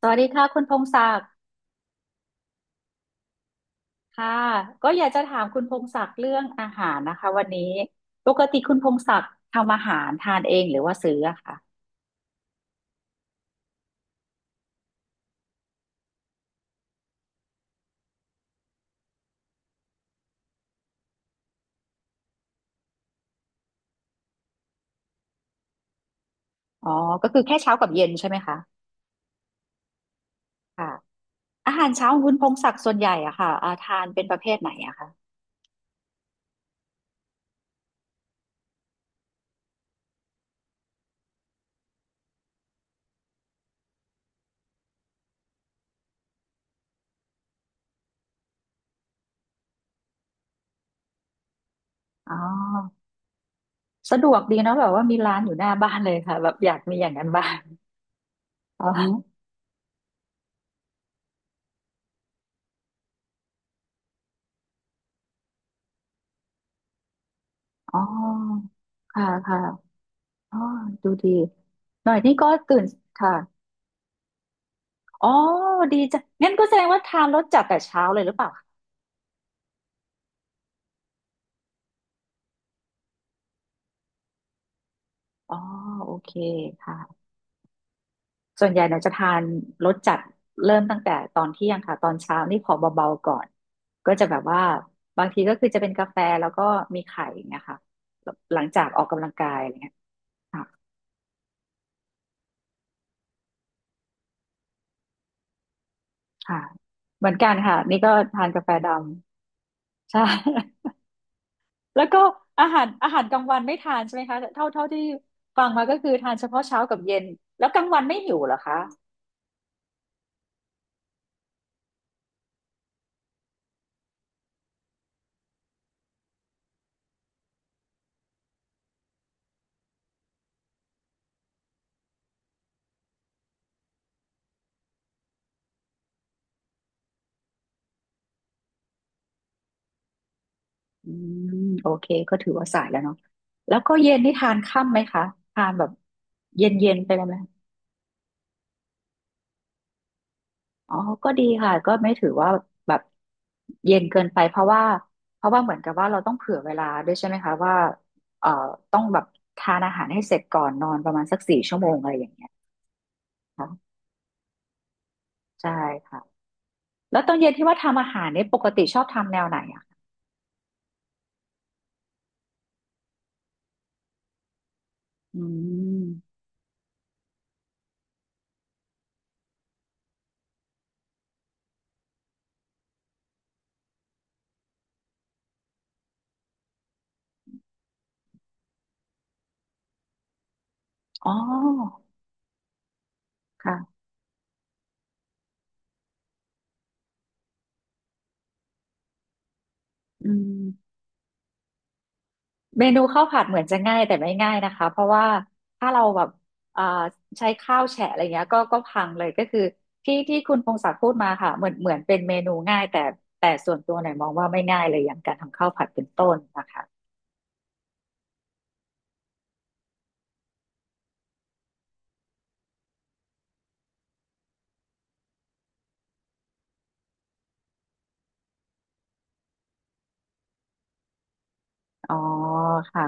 สวัสดีค่ะคุณพงศักดิ์ค่ะก็อยากจะถามคุณพงศักดิ์เรื่องอาหารนะคะวันนี้ปกติคุณพงศักดิ์ทำอาหารทานเองหรือว่าซื้ออะค่ะอ๋อก็คือแค่เช้ากับเย็นใช่ไหมคะค่ะอาหารเช้าของคุณพงศักดิ์ส่วนใหญ่อะค่ะทานเป็นประเภทไหนอะคะอ๋อสะดวกดีเนาะแบบว่ามีร้านอยู่หน้าบ้านเลยค่ะแบบอยากมีอย่างนั้นบ้างอ๋ออ๋อค่ะค่ะอ๋อดูดีหน่อยนี่ก็ตื่นค่ะอ๋อดีจ้ะงั้นก็แสดงว่าทานรสจัดแต่เช้าเลยหรือเปล่า อ๋อโอเคค่ะส่วนใหญ่เราจะทานรสจัดเริ่มตั้งแต่ตอนเที่ยงค่ะตอนเช้านี่ขอเบาๆก่อนก็จะแบบว่าบางทีก็คือจะเป็นกาแฟแล้วก็มีไข่อย่างเงี้ยค่ะหลังจากออกกำลังกายอะไรเงี้ยค่ะค่ะเหมือนกันค่ะนี่ก็ทานกาแฟดำใช่ แล้วก็อาหารอาหารกลางวันไม่ทานใช่ไหมคะเท่าที่ฟังมาก็คือทานเฉพาะเช้ากับเย็นแล้วกลางวันไม่หิวเหรอคะ อืมโอเคก็ถือว่าสายแล้วเนาะแล้วก็เย็นนี่ทานค่ำไหมคะทานแบบเย็นเย็นไปเลยไหมอ๋อก็ดีค่ะก็ไม่ถือว่าแบบเย็นเกินไปเพราะว่าเพราะว่าเหมือนกับว่าเราต้องเผื่อเวลาด้วยใช่ไหมคะว่าเอ่อต้องแบบทานอาหารให้เสร็จก่อนนอนประมาณสักสี่ชั่วโมงอะไรอย่างเงี้ยค่ะใช่ค่ะแล้วตอนเย็นที่ว่าทำอาหารเนี่ยปกติชอบทำแนวไหนอะคะอืมอ๋อค่ะอืม เมนูข้าวผัดเหมือนจะง่ายแต่ไม่ง่ายนะคะเพราะว่าถ้าเราแบบเอ่อใช้ข้าวแฉะอะไรเงี้ยก็ก็พังเลยก็คือที่คุณพงศักดิ์พูดมาค่ะเหมือนเป็นเมนูง่ายแต่แต่ส่วนตัวหน่อยมองว่าไม่ง่ายเลยอย่างการทำข้าวผัดเป็นต้นนะคะอ๋อค่ะ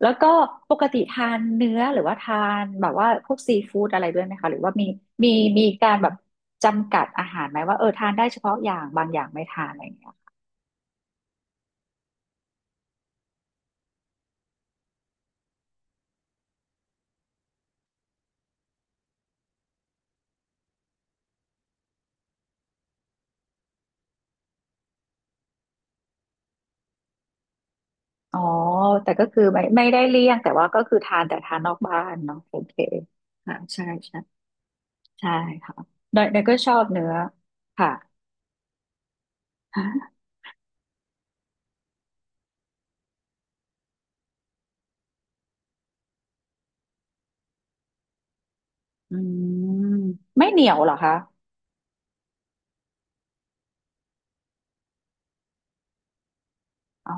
แล้วก็ปกติทานเนื้อหรือว่าทานแบบว่าพวกซีฟู้ดอะไรด้วยไหมคะหรือว่ามีมีการแบบจำกัดอาหารไหมว่าเออทานได้เฉพาะอย่างบางอย่างไม่ทานอะไรอย่างเงี้ย อ๋อแต่ก็คือไม่ได้เลี่ยงแต่ว่าก็คือทานแต่ทานนอกบ้านเนาะโอเคค่ะใช่ใช่ใช่ค่ะเนยก็ชอบเนื้อค่ะฮะอืมไม่เหนียวเหรอคะอ๋อ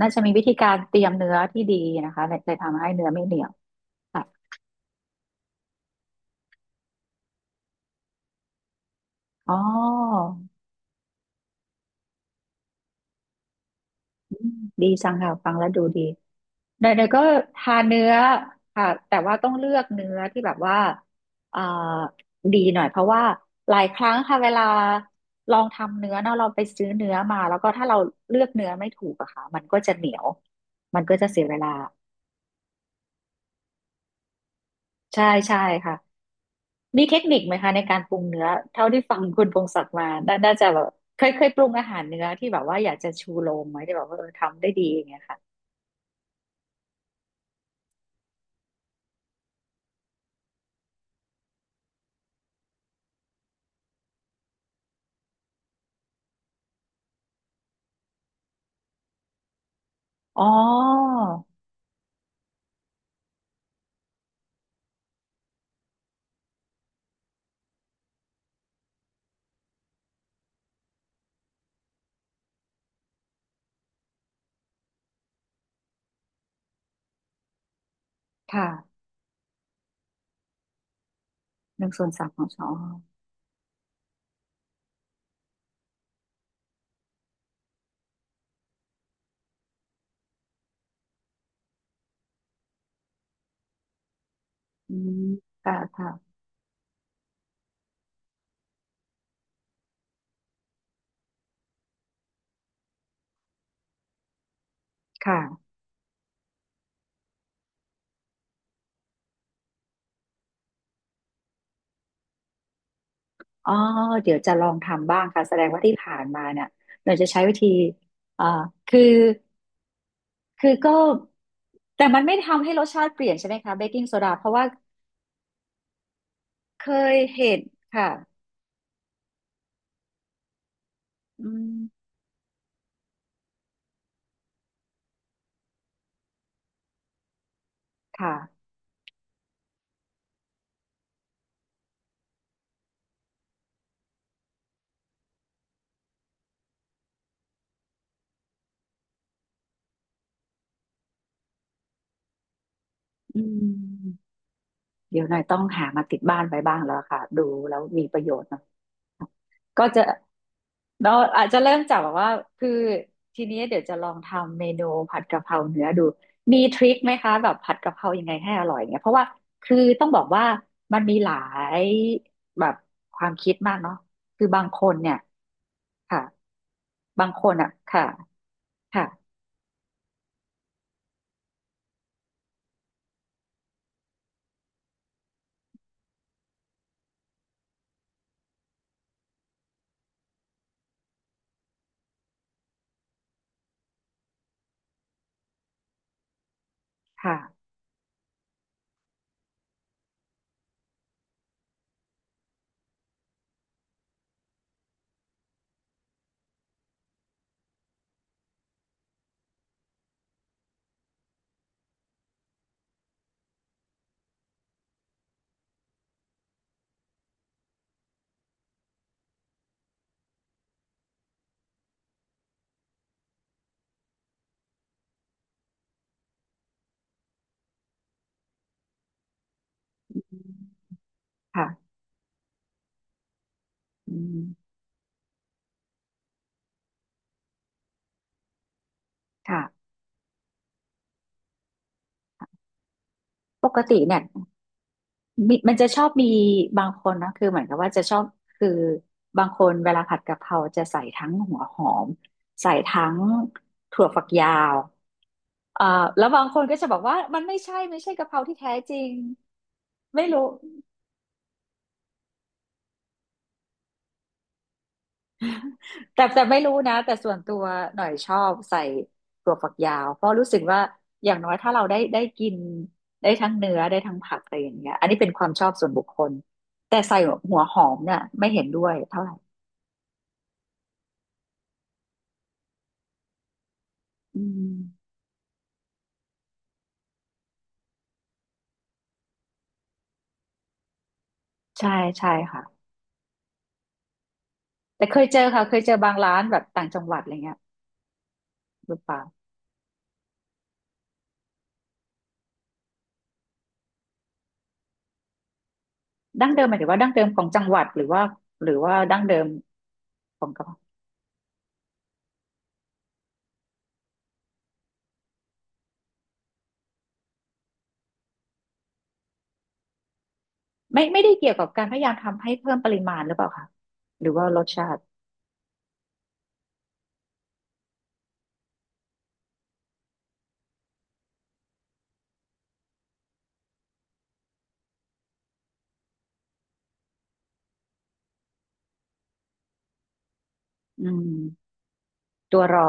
น่าจะมีวิธีการเตรียมเนื้อที่ดีนะคะเลยทำให้เนื้อไม่เหนียวค่ะอ๋อ อืมดีจังค่ะฟังแล้วดูดีเนยก็ทานเนื้อค่ะแต่ว่าต้องเลือกเนื้อที่แบบว่าเอ่อดีหน่อยเพราะว่าหลายครั้งค่ะเวลาลองทำเนื้อเนาะเราไปซื้อเนื้อมาแล้วก็ถ้าเราเลือกเนื้อไม่ถูกอะค่ะมันก็จะเหนียวมันก็จะเสียเวลาใช่ใช่ค่ะมีเทคนิคไหมคะในการปรุงเนื้อเท่าที่ฟังคุณพงศักดิ์มาน่าจะแบบเคยปรุงอาหารเนื้อที่แบบว่าอยากจะชูโรงไหมที่แบบว่าเออทำได้ดีอย่างเงี้ยค่ะอ๋อค่ะ หนึ่งส่วนสามของชออืมค่ะค่ะค่ะอ๋อเดี๋ยวจะลองทำบ้างค่ะ แสดงว่าที่ผ่านมาเนี่ยเราจะใช้วิธีอ่าคือคือก็ แต่มันไม่ทำให้รสชาติเปลี่ยนใช่ไหมคะเบกกิ้งโซดาเพราะว่าเคยเห็นค่ะอืมค่ะอืม เดี๋ยวหน่อยต้องหามาติดบ้านไปบ้างแล้วค่ะดูแล้วมีประโยชน์เนาะก็จะเราอาจจะเริ่มจากแบบว่าคือทีนี้เดี๋ยวจะลองทำเมนูผัดกะเพราเนื้อดูมีทริคไหมคะแบบผัดกะเพรายังไงให้อร่อยเนี่ยเพราะว่าคือต้องบอกว่ามันมีหลายแบบความคิดมากเนาะคือบางคนเนี่ยค่ะบางคนอ่ะค่ะค่ะค่ะค่ะอืมค่ะปกติเนี่ย มีมันจะชอบมีบางคนนะคือเหมือนกับว่าจะชอบคือบางคนเวลาผัดกะเพราจะใส่ทั้งหัวหอมใส่ทั้งถั่วฝักยาวเอ่อแล้วบางคนก็จะบอกว่ามันไม่ใช่กะเพราที่แท้จริงไม่รู้แต่แต่ไม่รู้นะแต่ส่วนตัวหน่อยชอบใส่ถั่วฝักยาวเพราะรู้สึกว่าอย่างน้อยถ้าเราได้กินได้ทั้งเนื้อได้ทั้งผักอะไรอย่างเงี้ยอันนี้เป็นความชอบส่วนบุคคลแต่ใส่หัวหอมเนี่ยไม่เห็นด้วยเท่าไหร่อืม ใช่ใช่ค่ะแต่เคยเจอค่ะเคยเจอบางร้านแบบต่างจังหวัดอะไรเงี้ยหรือเปล่าดั้งเดิมหมายถึงว่าดั้งเดิมของจังหวัดหรือว่าดั้งเดิมของกระเพาะไม่ได้เกี่ยวกับการพยายามทำให้เพิ่มปริมาณหรือเปล่าคะหรือว่ารสชาติอืมตัวรอ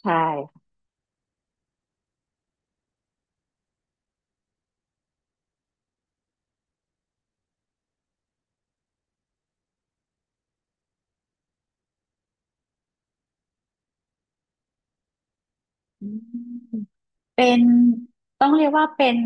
ใช่อืม เป็นต้องเรียกว่าเป็น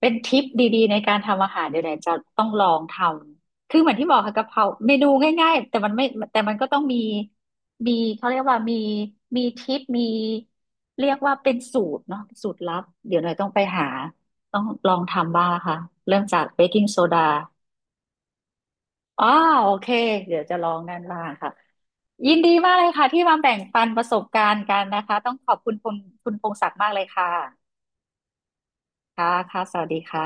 เป็นทริปดีๆในการทำอาหารเดี๋ยวไหนจะต้องลองทำคือเหมือนที่บอกค่ะกะเพราเมนูง่ายๆแต่มันไม่แต่มันก็ต้องมีมีเขาเรียกว่ามีมีทริปมีเรียกว่าเป็นสูตรเนาะสูตรลับเดี๋ยวหน่อยต้องไปหาต้องลองทำบ้างค่ะเริ่มจากเบกกิ้งโซดาอ้าวโอเคเดี๋ยวจะลองนั่นบ้างค่ะยินดีมากเลยค่ะที่มาแบ่งปันประสบการณ์กันนะคะต้องขอบคุณคุณพงศักดิ์มากเลยค่ะ ค่ะ ค่ะ สวัสดีค่ะ